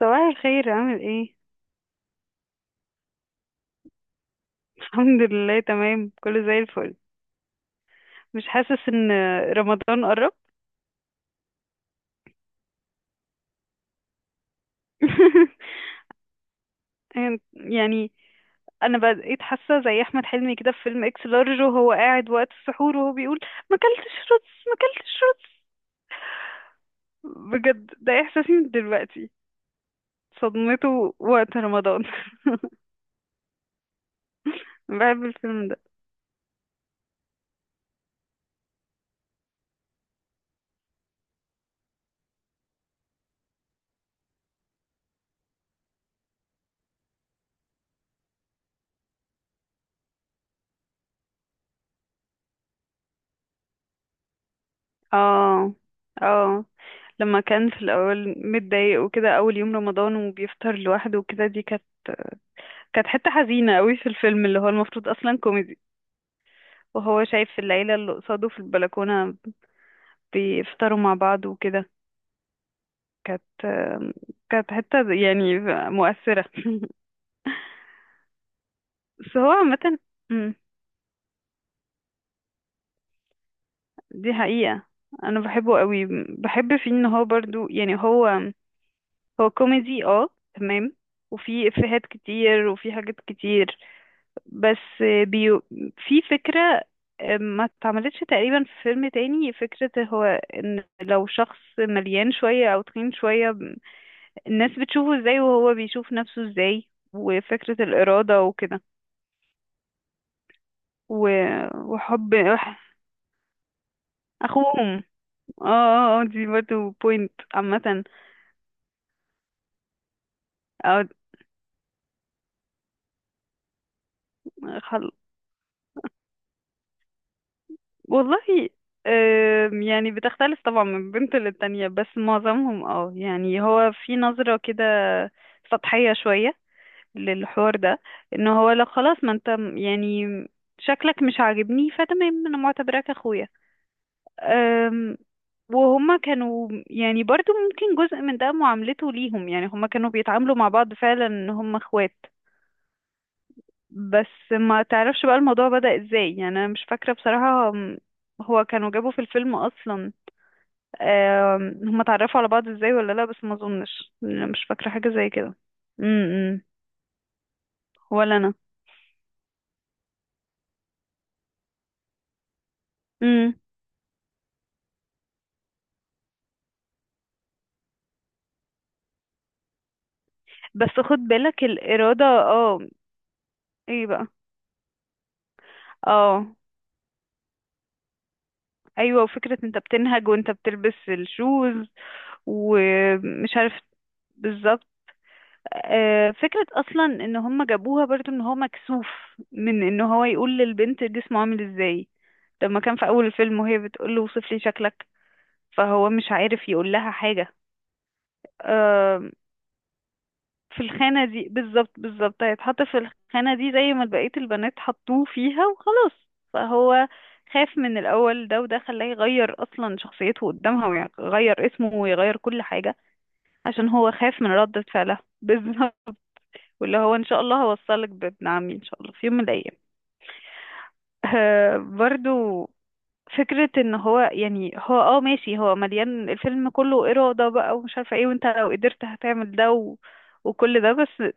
صباح الخير، عامل ايه؟ الحمد لله تمام، كله زي الفل. مش حاسس ان رمضان قرب؟ يعني انا بقيت حاسه زي احمد حلمي كده في فيلم اكس لارج، وهو قاعد وقت السحور وهو بيقول: ما اكلتش رز، ما اكلتش رز. بجد ده احساسي من دلوقتي، صدمته وقت رمضان. بحب الفيلم ده. اه اه، لما كان في الاول متضايق وكده اول يوم رمضان وبيفطر لوحده وكده، دي كانت حتة حزينة قوي في الفيلم، اللي هو المفروض أصلا كوميدي. وهو شايف العيلة اللي قصاده في البلكونة بيفطروا مع بعض وكده. كانت كانت حتة يعني مؤثرة. بس هو عامة، مم، دي حقيقة. أنا بحبه قوي، بحب فيه إن هو برضو، يعني هو كوميدي اه، تمام، وفي إفيهات كتير وفي حاجات كتير، بس بيو في فكرة ما اتعملتش تقريبا في فيلم تاني. فكرة هو ان لو شخص مليان شوية او تخين شوية، الناس بتشوفه ازاي وهو بيشوف نفسه ازاي، وفكرة الإرادة وكده، وحب. اخوهم. اه اه، دي برضه بوينت عامة. آه، خل... والله، يعني بتختلف طبعا من بنت للتانية، بس معظمهم اه، يعني هو في نظرة كده سطحية شوية للحوار ده، ان هو لو خلاص ما انت م- يعني شكلك مش عاجبني، فتمام انا معتبراك اخويا. أم، وهما كانوا يعني برضو ممكن جزء من ده معاملته ليهم، يعني هما كانوا بيتعاملوا مع بعض فعلا ان هما اخوات. بس ما تعرفش بقى الموضوع بدأ ازاي، يعني انا مش فاكرة بصراحة. هو كانوا جابوا في الفيلم اصلا، هما اتعرفوا على بعض ازاي ولا لا؟ بس ما اظنش، أنا مش فاكرة حاجة زي كده. امم ولا انا. بس خد بالك، الإرادة اه، ايه بقى، اه ايوه، وفكرة انت بتنهج وانت بتلبس الشوز ومش عارف، بالظبط. فكرة اصلا ان هم جابوها برضو، ان هو مكسوف من ان هو يقول للبنت جسمه عامل ازاي، لما كان في اول الفيلم وهي بتقول له: وصف لي شكلك، فهو مش عارف يقول لها حاجة. آه، في الخانة دي بالظبط، بالظبط هيتحط في الخانة دي زي ما بقية البنات حطوه فيها وخلاص. فهو خاف من الأول، ده وده خلاه يغير أصلا شخصيته قدامها ويغير اسمه ويغير كل حاجة، عشان هو خاف من ردة فعلها. بالظبط، واللي هو: إن شاء الله هوصلك بابن عمي إن شاء الله في يوم من الأيام. برضو فكرة ان هو، يعني هو اه ماشي، هو مليان الفيلم كله إرادة بقى ومش عارفة ايه، وانت لو قدرت هتعمل ده و... وكل ده، بس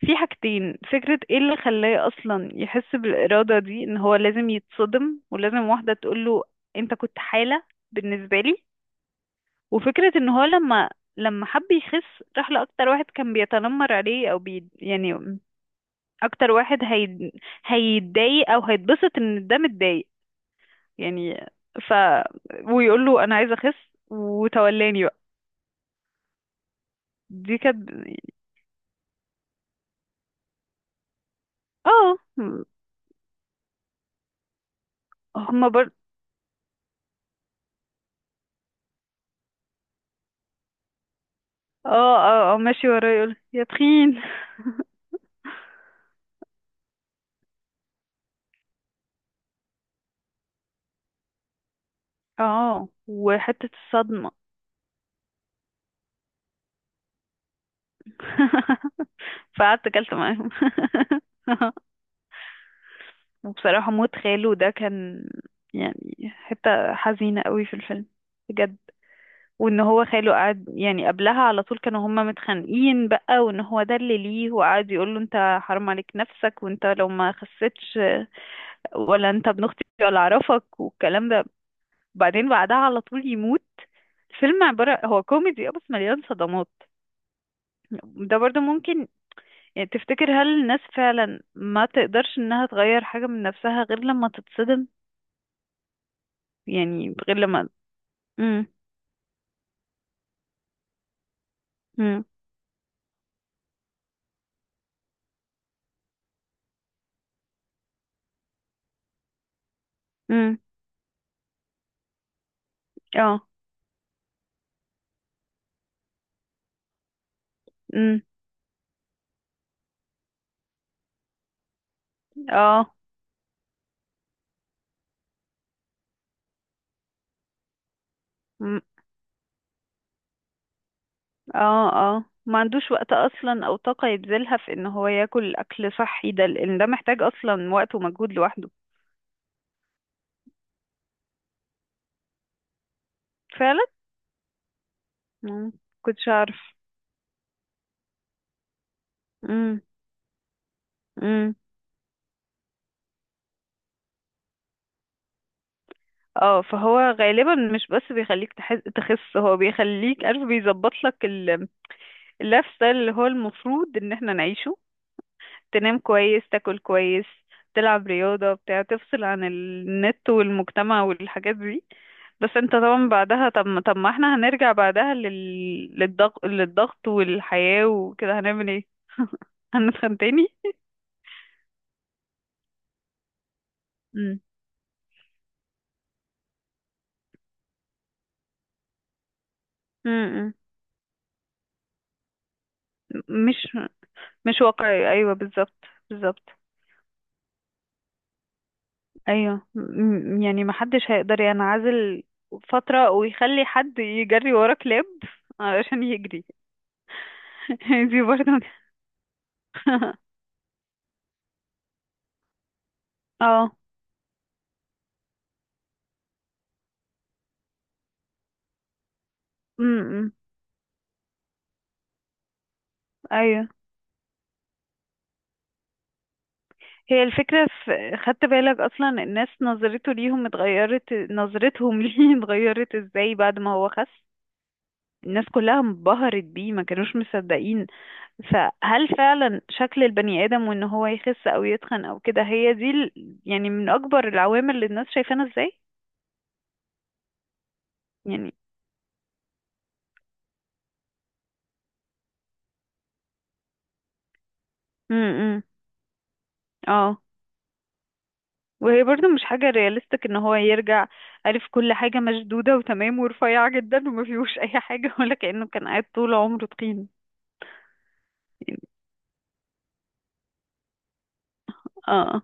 في حاجتين. فكرة ايه اللي خلاه اصلا يحس بالارادة دي؟ ان هو لازم يتصدم، ولازم واحدة تقوله: انت كنت حالة بالنسبة لي. وفكرة ان هو لما حب يخس، راح لأكتر واحد كان بيتنمر عليه او بي، يعني اكتر واحد هيتضايق او هيتبسط ان ده متضايق، يعني ف ويقول له انا عايزة اخس وتولاني بقى. دي كانت، اه. هما بر اه اه اه ماشي، ورايا يقول يا تخين. اه، وحتة الصدمة. فقعدت اكلت معاهم. وبصراحة موت خاله ده كان يعني حتة حزينة قوي في الفيلم، بجد. وان هو خاله قعد يعني قبلها على طول كانوا هما متخانقين بقى، وان هو ده اللي ليه، وقعد يقول له: انت حرام عليك نفسك، وانت لو ما خسيتش ولا انت ابن اختي ولا اعرفك والكلام ده. بعدين بعدها على طول يموت. الفيلم عبارة هو كوميدي اه، بس مليان صدمات. ده برضو ممكن، يعني تفتكر هل الناس فعلا ما تقدرش انها تغير حاجة من نفسها غير لما تتصدم؟ يعني غير لما، امم امم، امم، اه، امم، اه، مم، اه اه. ما عندوش وقت اصلا او طاقة يبذلها في ان هو ياكل اكل صحي، ده لان ده محتاج اصلا وقت ومجهود لوحده. فعلا. مم. كنتش اعرف. امم امم، اه، فهو غالبا مش بس بيخليك تحس تخس، هو بيخليك عارف، بيظبط لك اللايف ستايل اللي هو المفروض ان احنا نعيشه: تنام كويس، تاكل كويس، تلعب رياضة بتاع، تفصل عن النت والمجتمع والحاجات دي. بس انت طبعا بعدها، طب ما احنا هنرجع بعدها للضغط، والحياة وكده، هنعمل ايه؟ هنتخن تاني. مم. مم. مش مش واقعي، ايوه بالظبط. بالظبط ايوه، يعني محدش هيقدر ينعزل فترة ويخلي حد يجري ورا كلاب علشان يجري. دي برضه. اه م- م. ايوه. هي الفكرة في، خدت بالك أصلا الناس نظرته ليهم اتغيرت، نظرتهم ليه اتغيرت ازاي بعد ما هو خس؟ الناس كلها انبهرت بيه، ما كانوش مصدقين. فهل فعلا شكل البني آدم وإن هو يخس أو يتخن أو كده هي دي يعني من أكبر العوامل اللي الناس شايفانا ازاي؟ يعني. امم اه، وهي برضو مش حاجة رياليستيك ان هو يرجع، عارف، كل حاجة مشدودة وتمام ورفيعة جدا وما فيهوش اي حاجة، ولا كأنه كان قاعد طول عمره تخين، يعني. اه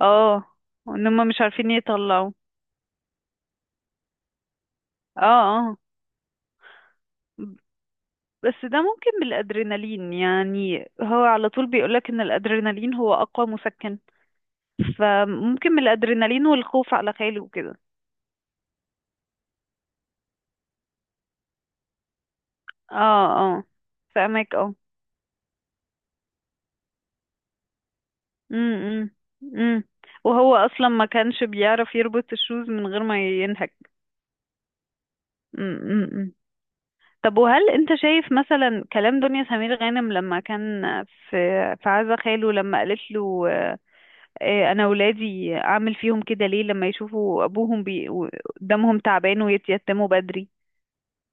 اه، ان هم مش عارفين يطلعوا، اه اه. بس ده ممكن بالادرينالين، يعني هو على طول بيقولك ان الادرينالين هو اقوى مسكن، فممكن من الادرينالين والخوف على خاله وكده. اه اه، فاهمك، اه. امم، إمم، وهو اصلا ما كانش بيعرف يربط الشوز من غير ما ينهك. إمم. طب وهل انت شايف مثلا كلام دنيا سمير غانم لما كان في في عزا خاله، لما قالت له انا ولادي اعمل فيهم كده ليه؟ لما يشوفوا ابوهم دمهم تعبان ويتيتموا بدري.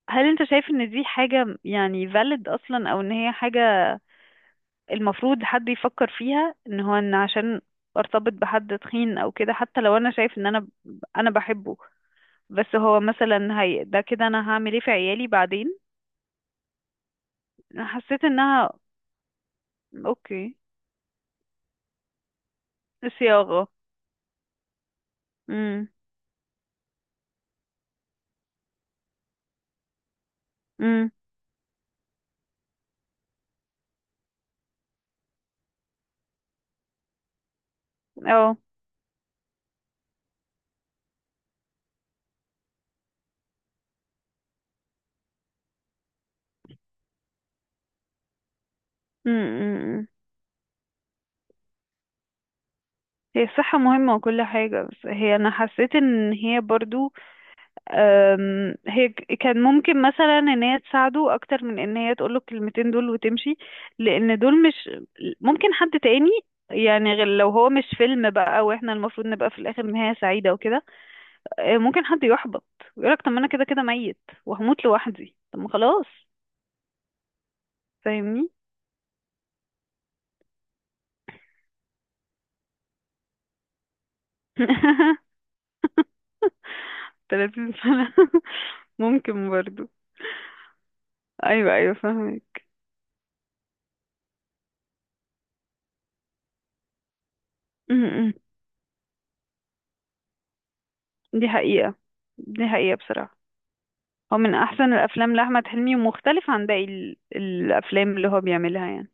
هل انت شايف ان دي حاجة يعني valid اصلا، او ان هي حاجة المفروض حد يفكر فيها، ان هو ان عشان ارتبط بحد تخين او كده حتى لو انا شايف ان انا انا بحبه؟ بس هو مثلا هي ده كده انا هعمل ايه في عيالي بعدين؟ حسيت انها، اوكي، صياغة. امم امم، اه، هي الصحة مهمة وكل حاجة، بس هي أنا حسيت إن هي برضو، هي كان ممكن مثلا إن هي تساعده أكتر من إن هي تقوله الكلمتين دول وتمشي، لأن دول مش، ممكن حد تاني، يعني غير لو هو مش فيلم بقى وإحنا المفروض نبقى في الآخر نهاية سعيدة وكده. ممكن حد يحبط ويقولك طب ما أنا كده كده ميت وهموت لوحدي، طب ما خلاص. فاهمني. 30 سنة. ممكن برضو. أيوه أيوه، فاهمك. دي حقيقة، دي حقيقة بصراحة. هو من أحسن الأفلام لأحمد حلمي، ومختلف عن باقي الأفلام اللي هو بيعملها يعني،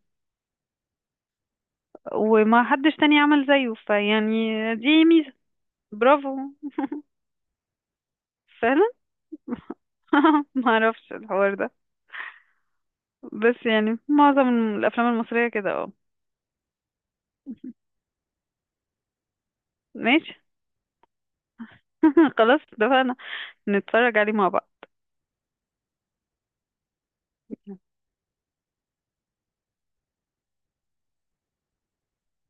وما حدش تاني عمل زيه، فيعني دي ميزة. برافو، فعلا. ما اعرفش الحوار ده. بس يعني معظم الأفلام المصرية كده اه. ماشي. خلاص اتفقنا، نتفرج عليه مع بعض.